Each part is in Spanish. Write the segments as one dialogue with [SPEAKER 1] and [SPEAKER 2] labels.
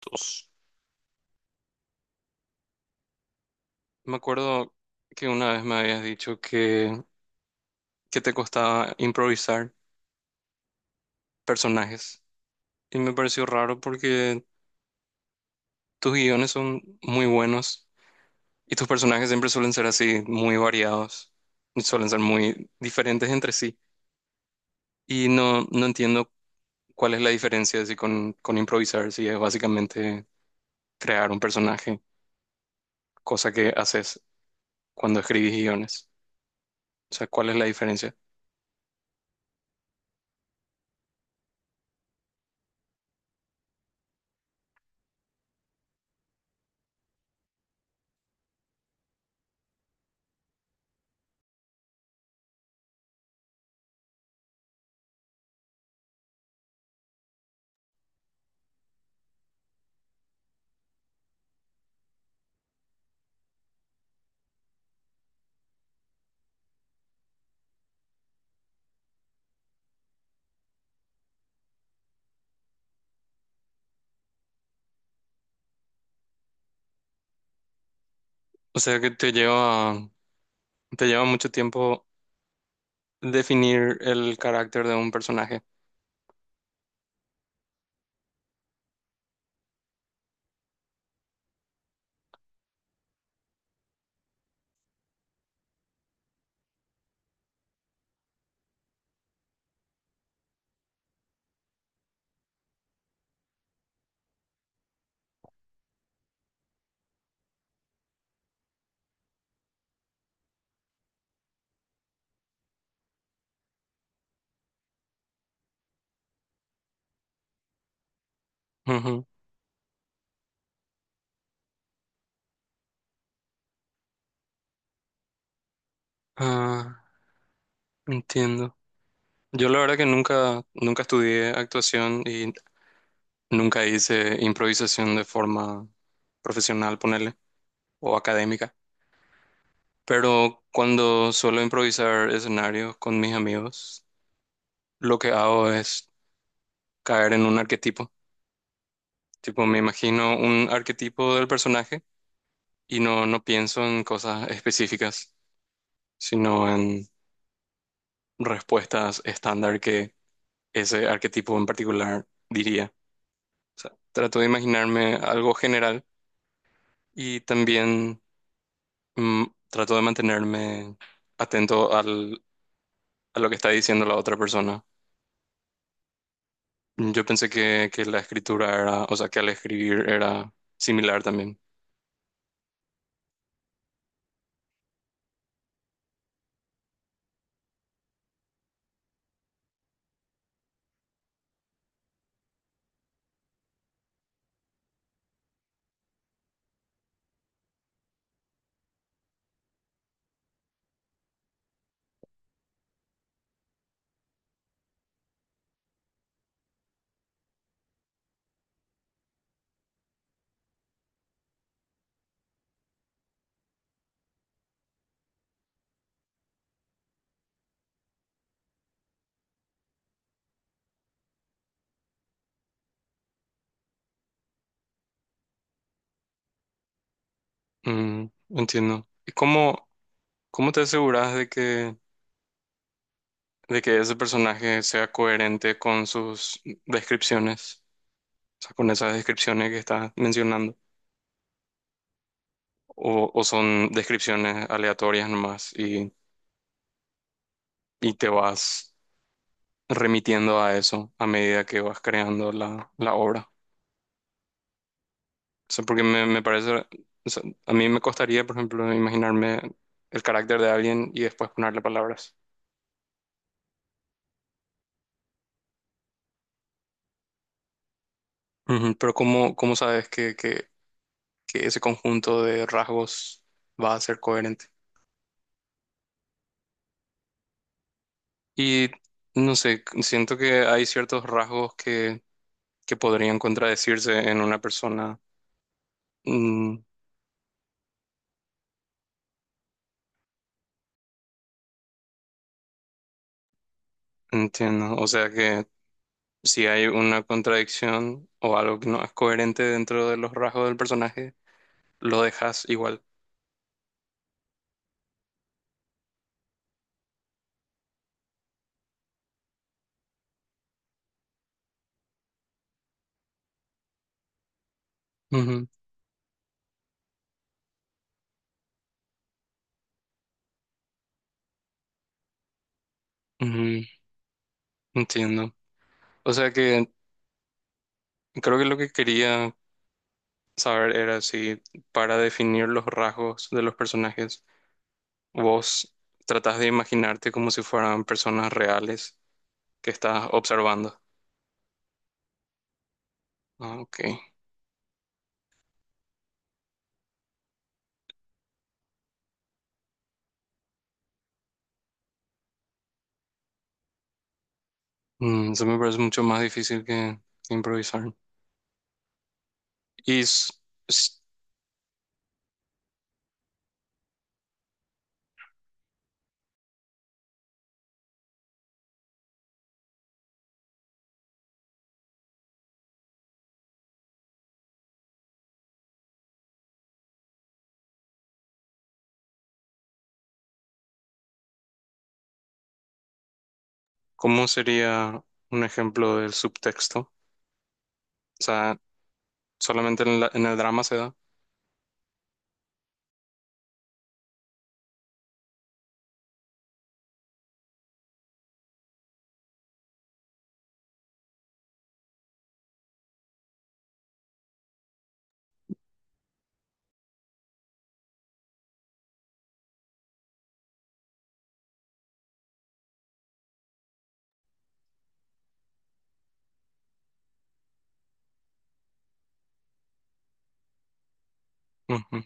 [SPEAKER 1] Dos. Me acuerdo que una vez me habías dicho que te costaba improvisar personajes y me pareció raro porque tus guiones son muy buenos y tus personajes siempre suelen ser así, muy variados, y suelen ser muy diferentes entre sí y no entiendo cuál es la diferencia así con improvisar, si es básicamente crear un personaje, cosa que haces cuando escribís guiones. O sea, ¿cuál es la diferencia? O sea, que te lleva mucho tiempo definir el carácter de un personaje. Ujú. Ah, entiendo. Yo la verdad que nunca, nunca estudié actuación y nunca hice improvisación de forma profesional, ponerle, o académica. Pero cuando suelo improvisar escenarios con mis amigos, lo que hago es caer en un arquetipo. Tipo, me imagino un arquetipo del personaje y no pienso en cosas específicas, sino en respuestas estándar que ese arquetipo en particular, diría. O sea, trato de imaginarme algo general y también trato de mantenerme atento a lo que está diciendo la otra persona. Yo pensé que la escritura era, o sea, que al escribir era similar también. Mm, entiendo. ¿Y cómo, cómo te aseguras de de que ese personaje sea coherente con sus descripciones? O sea, con esas descripciones que estás mencionando. O son descripciones aleatorias nomás y te vas remitiendo a eso a medida que vas creando la obra. O sea, porque me parece, o sea, a mí me costaría, por ejemplo, imaginarme el carácter de alguien y después ponerle palabras. Ujú. Pero ¿cómo, cómo sabes que ese conjunto de rasgos va a ser coherente? Y no sé, siento que hay ciertos rasgos que podrían contradecirse en una persona. Mm. Entiendo, o sea que si hay una contradicción o algo que no es coherente dentro de los rasgos del personaje, lo dejas igual. Ujú, ujú, entiendo. O sea que creo que lo que quería saber era si para definir los rasgos de los personajes, vos tratás de imaginarte como si fueran personas reales que estás observando. Ah, ok. Mm, eso me parece mucho más difícil que improvisar. ¿Y s- cómo sería un ejemplo del subtexto? O sea, solamente en, en el drama se da. Ujú.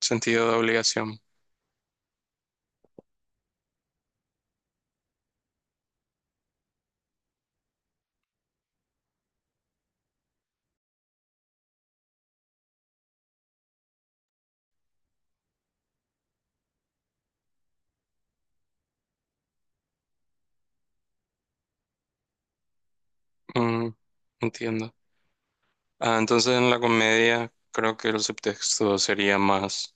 [SPEAKER 1] Sentido de obligación. Mm, entiendo. Ah, entonces en la comedia creo que el subtexto sería más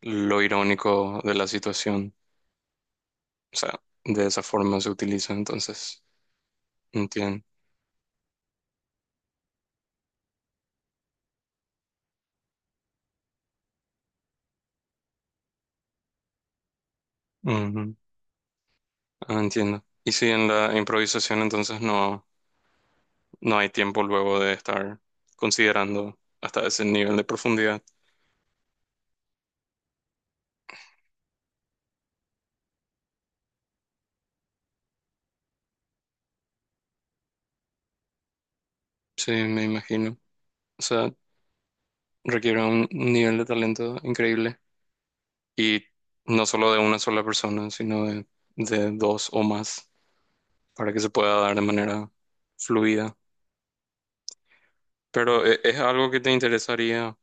[SPEAKER 1] lo irónico de la situación. O sea, de esa forma se utiliza, entonces. Entiendo. Ujú. Ah, entiendo. Y si en la improvisación entonces no hay tiempo luego de estar considerando hasta ese nivel de profundidad. Sí, me imagino. O sea, requiere un nivel de talento increíble. Y no solo de una sola persona, sino de dos o más, para que se pueda dar de manera fluida. Pero es algo que te interesaría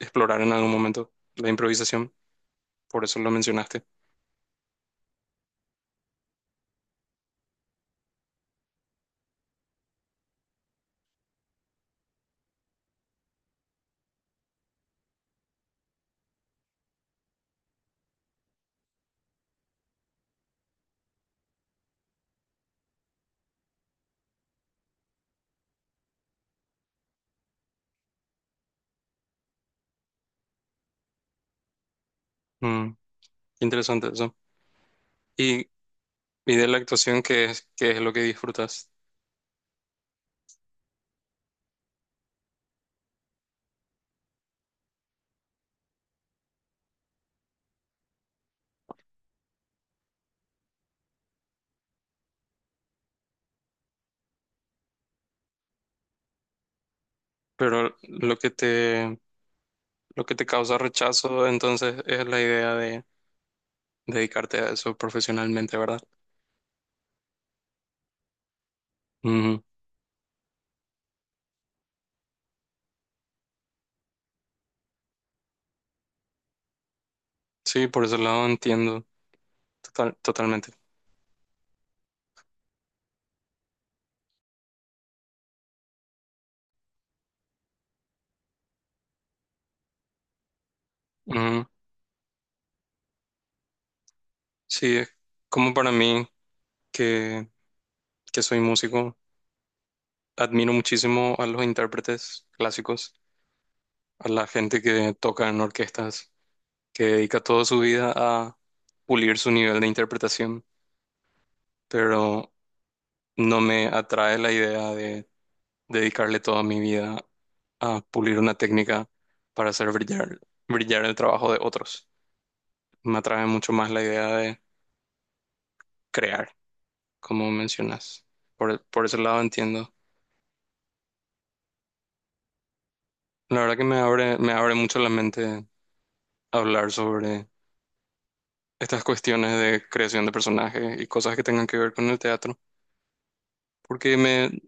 [SPEAKER 1] explorar en algún momento, la improvisación, por eso lo mencionaste. Mm, interesante eso. Y, y de la actuación, qué es lo que disfrutas? Pero lo que te causa rechazo, entonces, es la idea de dedicarte a eso profesionalmente, ¿verdad? Ujú. Sí, por ese lado entiendo totalmente. Sí, es como para mí, que, que soy músico, admiro muchísimo a los intérpretes clásicos, a la gente que toca en orquestas, que dedica toda su vida a pulir su nivel de interpretación, pero no me atrae la idea de dedicarle toda mi vida a pulir una técnica para hacer brillar, brillar el trabajo de otros. Me atrae mucho más la idea de crear, como mencionas. Por ese lado entiendo. La verdad que me abre mucho la mente hablar sobre estas cuestiones de creación de personajes y cosas que tengan que ver con el teatro, porque me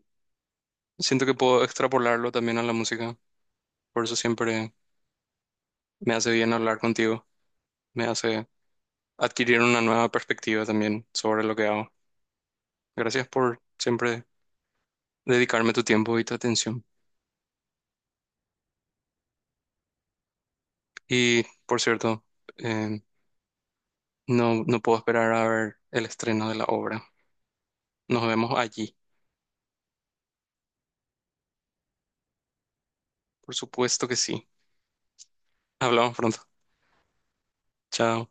[SPEAKER 1] siento que puedo extrapolarlo también a la música. Por eso siempre me hace bien hablar contigo, me hace adquirir una nueva perspectiva también sobre lo que hago. Gracias por siempre dedicarme tu tiempo y tu atención. Y por cierto, eh, no puedo esperar a ver el estreno de la obra. Nos vemos allí. Por supuesto que sí. Hablamos pronto. Chao.